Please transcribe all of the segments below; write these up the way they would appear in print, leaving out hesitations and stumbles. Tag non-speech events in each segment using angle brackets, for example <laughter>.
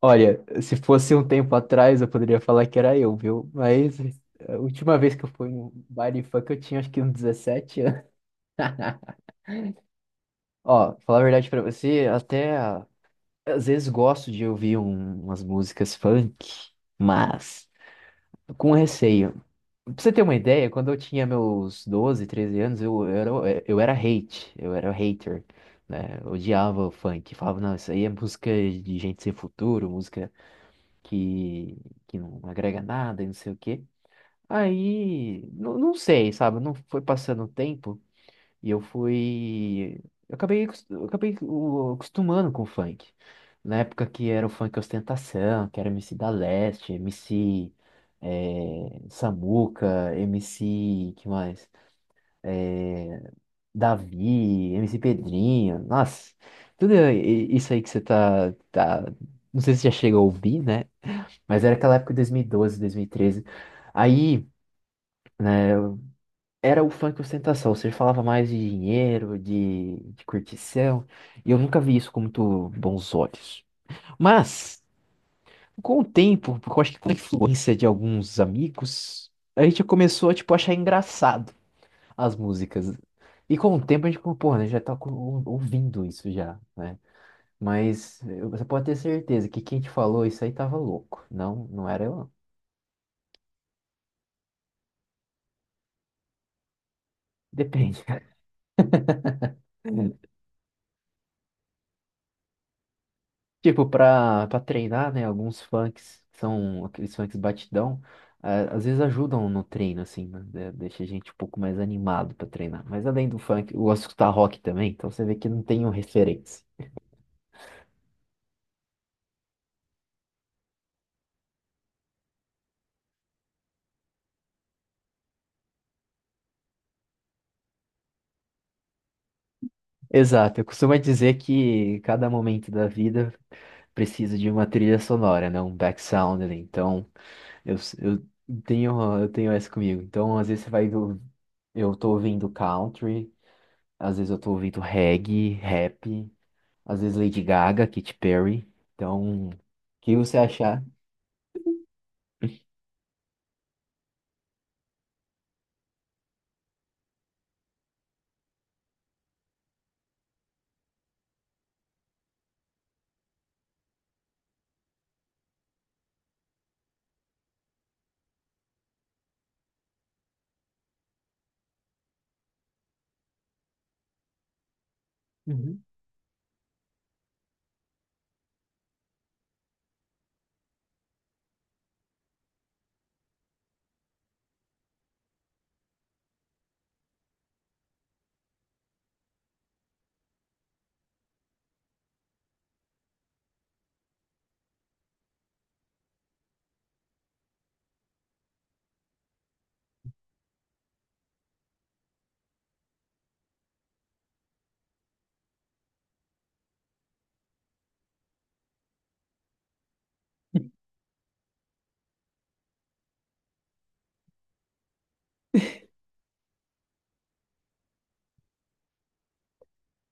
Olha, se fosse um tempo atrás, eu poderia falar que era eu, viu? Mas a última vez que eu fui no baile funk, eu tinha acho que uns 17 anos. <laughs> Ó, falar a verdade pra você, até às vezes gosto de ouvir umas músicas funk, mas com receio. Pra você ter uma ideia, quando eu tinha meus 12, 13 anos, eu era hater, né? Eu odiava o funk, falava, não, isso aí é música de gente sem futuro, música que, que não agrega nada e não sei o quê. Aí, não, não sei, sabe? Não foi passando o tempo e eu fui. Eu acabei acostumando com o funk. Na época que era o funk ostentação, que era MC da Leste, MC Samuca, MC, que mais? Davi, MC Pedrinho, nossa, tudo isso aí que você tá. Não sei se já chega a ouvir, né? Mas era aquela época de 2012, 2013. Aí era o funk ostentação. Você falava mais de dinheiro, de curtição. E eu nunca vi isso com muito bons olhos. Mas, com o tempo, porque eu acho que com a influência de alguns amigos, a gente começou a, tipo, achar engraçado as músicas. E com o tempo a gente falou, pô, né, já tá ouvindo isso já, né? Mas você pode ter certeza que quem te falou isso aí tava louco. Não, não era eu, não. Depende. Tipo, pra treinar, né? Alguns funks, que são aqueles funks batidão, às vezes ajudam no treino, assim, né? Deixa a gente um pouco mais animado pra treinar. Mas além do funk, eu gosto de escutar rock também, então você vê que não tenho referência. Exato, eu costumo dizer que cada momento da vida precisa de uma trilha sonora, né? Um back sound ali. Então, eu, eu eu tenho essa comigo. Então, às vezes você vai ver, eu tô ouvindo country, às vezes eu tô ouvindo reggae, rap. Às vezes Lady Gaga, Katy Perry. Então, o que você achar? Uhum.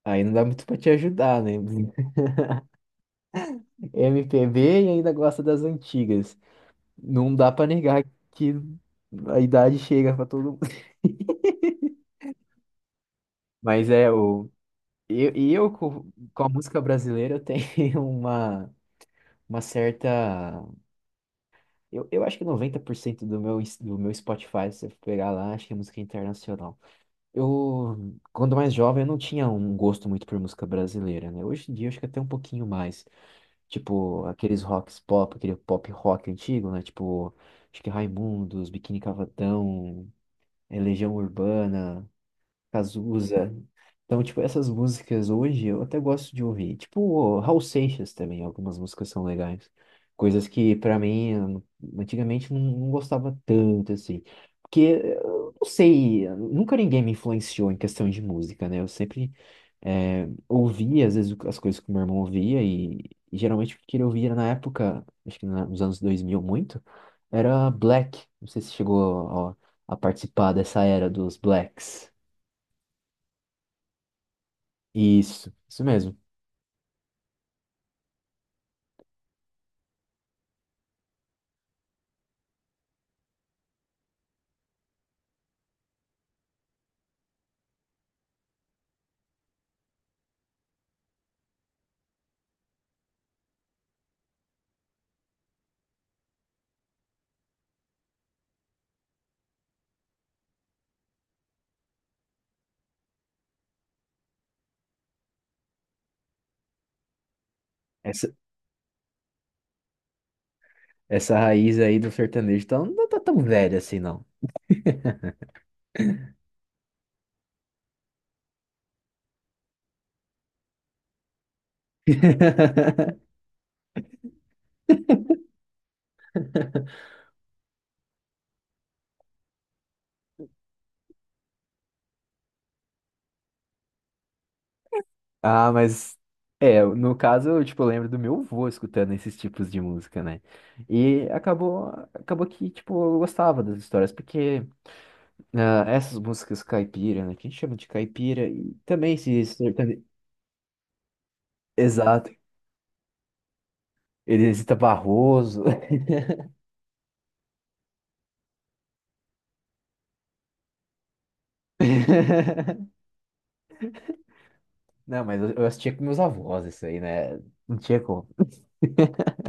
Aí não dá muito pra te ajudar, né? <laughs> MPB e ainda gosta das antigas. Não dá pra negar que a idade chega pra todo mundo. <laughs> Mas é o eu, e eu co- com a música brasileira eu tenho <laughs> uma certa eu acho que 90% do meu Spotify, se você pegar lá, acho que é música internacional. Eu, quando mais jovem, eu não tinha um gosto muito por música brasileira, né? Hoje em dia, eu acho que até um pouquinho mais. Tipo, aqueles rocks pop, aquele pop rock antigo, né? Tipo, acho que Raimundos, Biquíni Cavadão, Legião Urbana. Cazuza. Então, tipo, essas músicas hoje eu até gosto de ouvir. Tipo, o Raul Seixas também, algumas músicas são legais. Coisas que, pra mim, antigamente não gostava tanto, assim. Porque, eu não sei, nunca ninguém me influenciou em questão de música, né? Eu sempre ouvia, às vezes, as coisas que o meu irmão ouvia e geralmente o que ele ouvia na época, acho que nos anos 2000 muito, era Black. Não sei se chegou a participar dessa era dos Blacks. Isso mesmo. Essa, essa raiz aí do sertanejo tá, não tá tão velha assim, não. <laughs> Ah, mas é, no caso, eu, tipo, lembro do meu avô escutando esses tipos de música, né? E acabou que, tipo, eu gostava das histórias, porque essas músicas caipira, né? Que a gente chama de caipira, e também se sertane... Exato. Elisita Barroso. <laughs> Não, mas eu assistia com meus avós isso aí, né? Não tinha como. <laughs>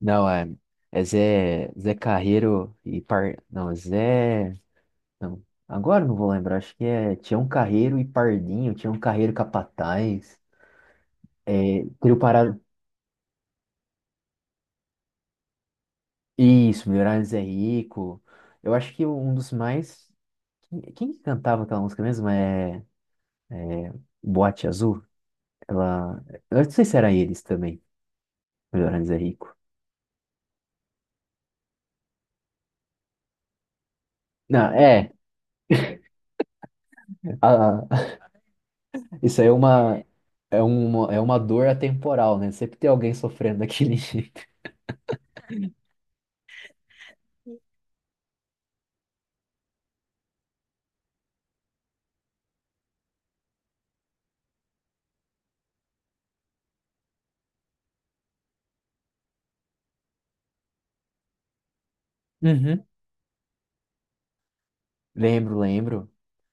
Não, é Zé Carreiro e Par... Não, Zé... Não, agora eu não vou lembrar. Acho que é Tião Carreiro e Pardinho, Tião Carreiro Capataz. É, Trio Parado... Isso, Milionários é Rico. Eu acho que um dos mais... Quem que cantava aquela música mesmo? É Boate Azul? Ela... Eu não sei se era eles também, Milionários é Rico. Não, é. Isso aí é uma dor atemporal, né? Sempre tem alguém sofrendo daquele <laughs> jeito. Uhum. Lembro, lembro.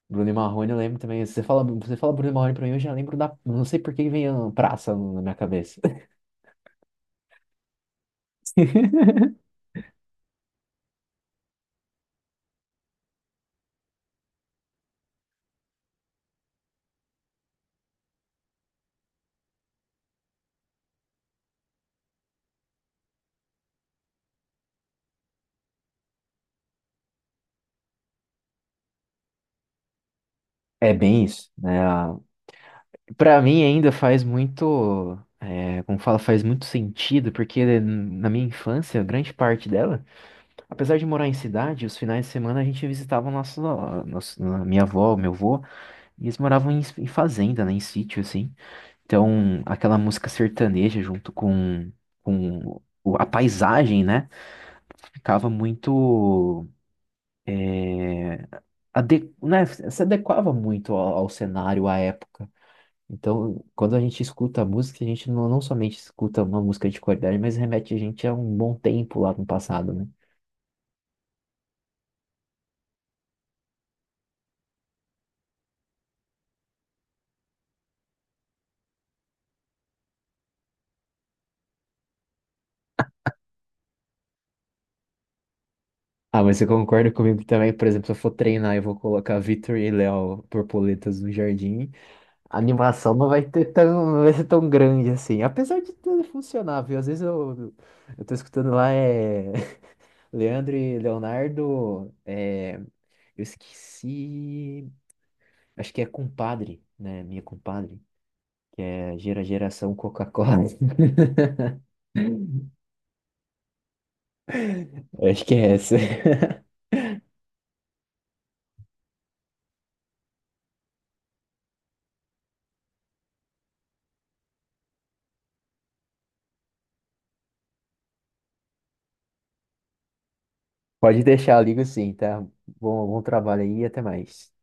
Bruno e Marrone, eu lembro também. Você fala Bruno e Marrone pra mim, eu já lembro da. Não sei por que vem a praça na minha cabeça. <laughs> É bem isso, né? Pra mim ainda faz muito, é, como fala, faz muito sentido, porque na minha infância, grande parte dela, apesar de morar em cidade, os finais de semana a gente visitava minha avó, meu avô. E eles moravam em fazenda, né? Em sítio, assim. Então, aquela música sertaneja junto com a paisagem, né? Ficava muito... é, né? Se adequava muito ao cenário, à época. Então, quando a gente escuta a música, a gente não somente escuta uma música de qualidade, mas remete a gente a um bom tempo lá no passado, né? Ah, mas você concorda comigo também? Por exemplo, se eu for treinar, eu vou colocar Vitor e Léo Borboletas no jardim. A animação não vai ser tão grande assim. Apesar de tudo funcionar, viu? Às vezes eu tô escutando lá, é. <laughs> Leandro e Leonardo, eu esqueci. Acho que é Compadre, né? Minha Compadre, que é geração Coca-Cola. <laughs> Acho que é essa. <laughs> Pode deixar, eu ligo sim, tá? Bom, bom trabalho aí e até mais.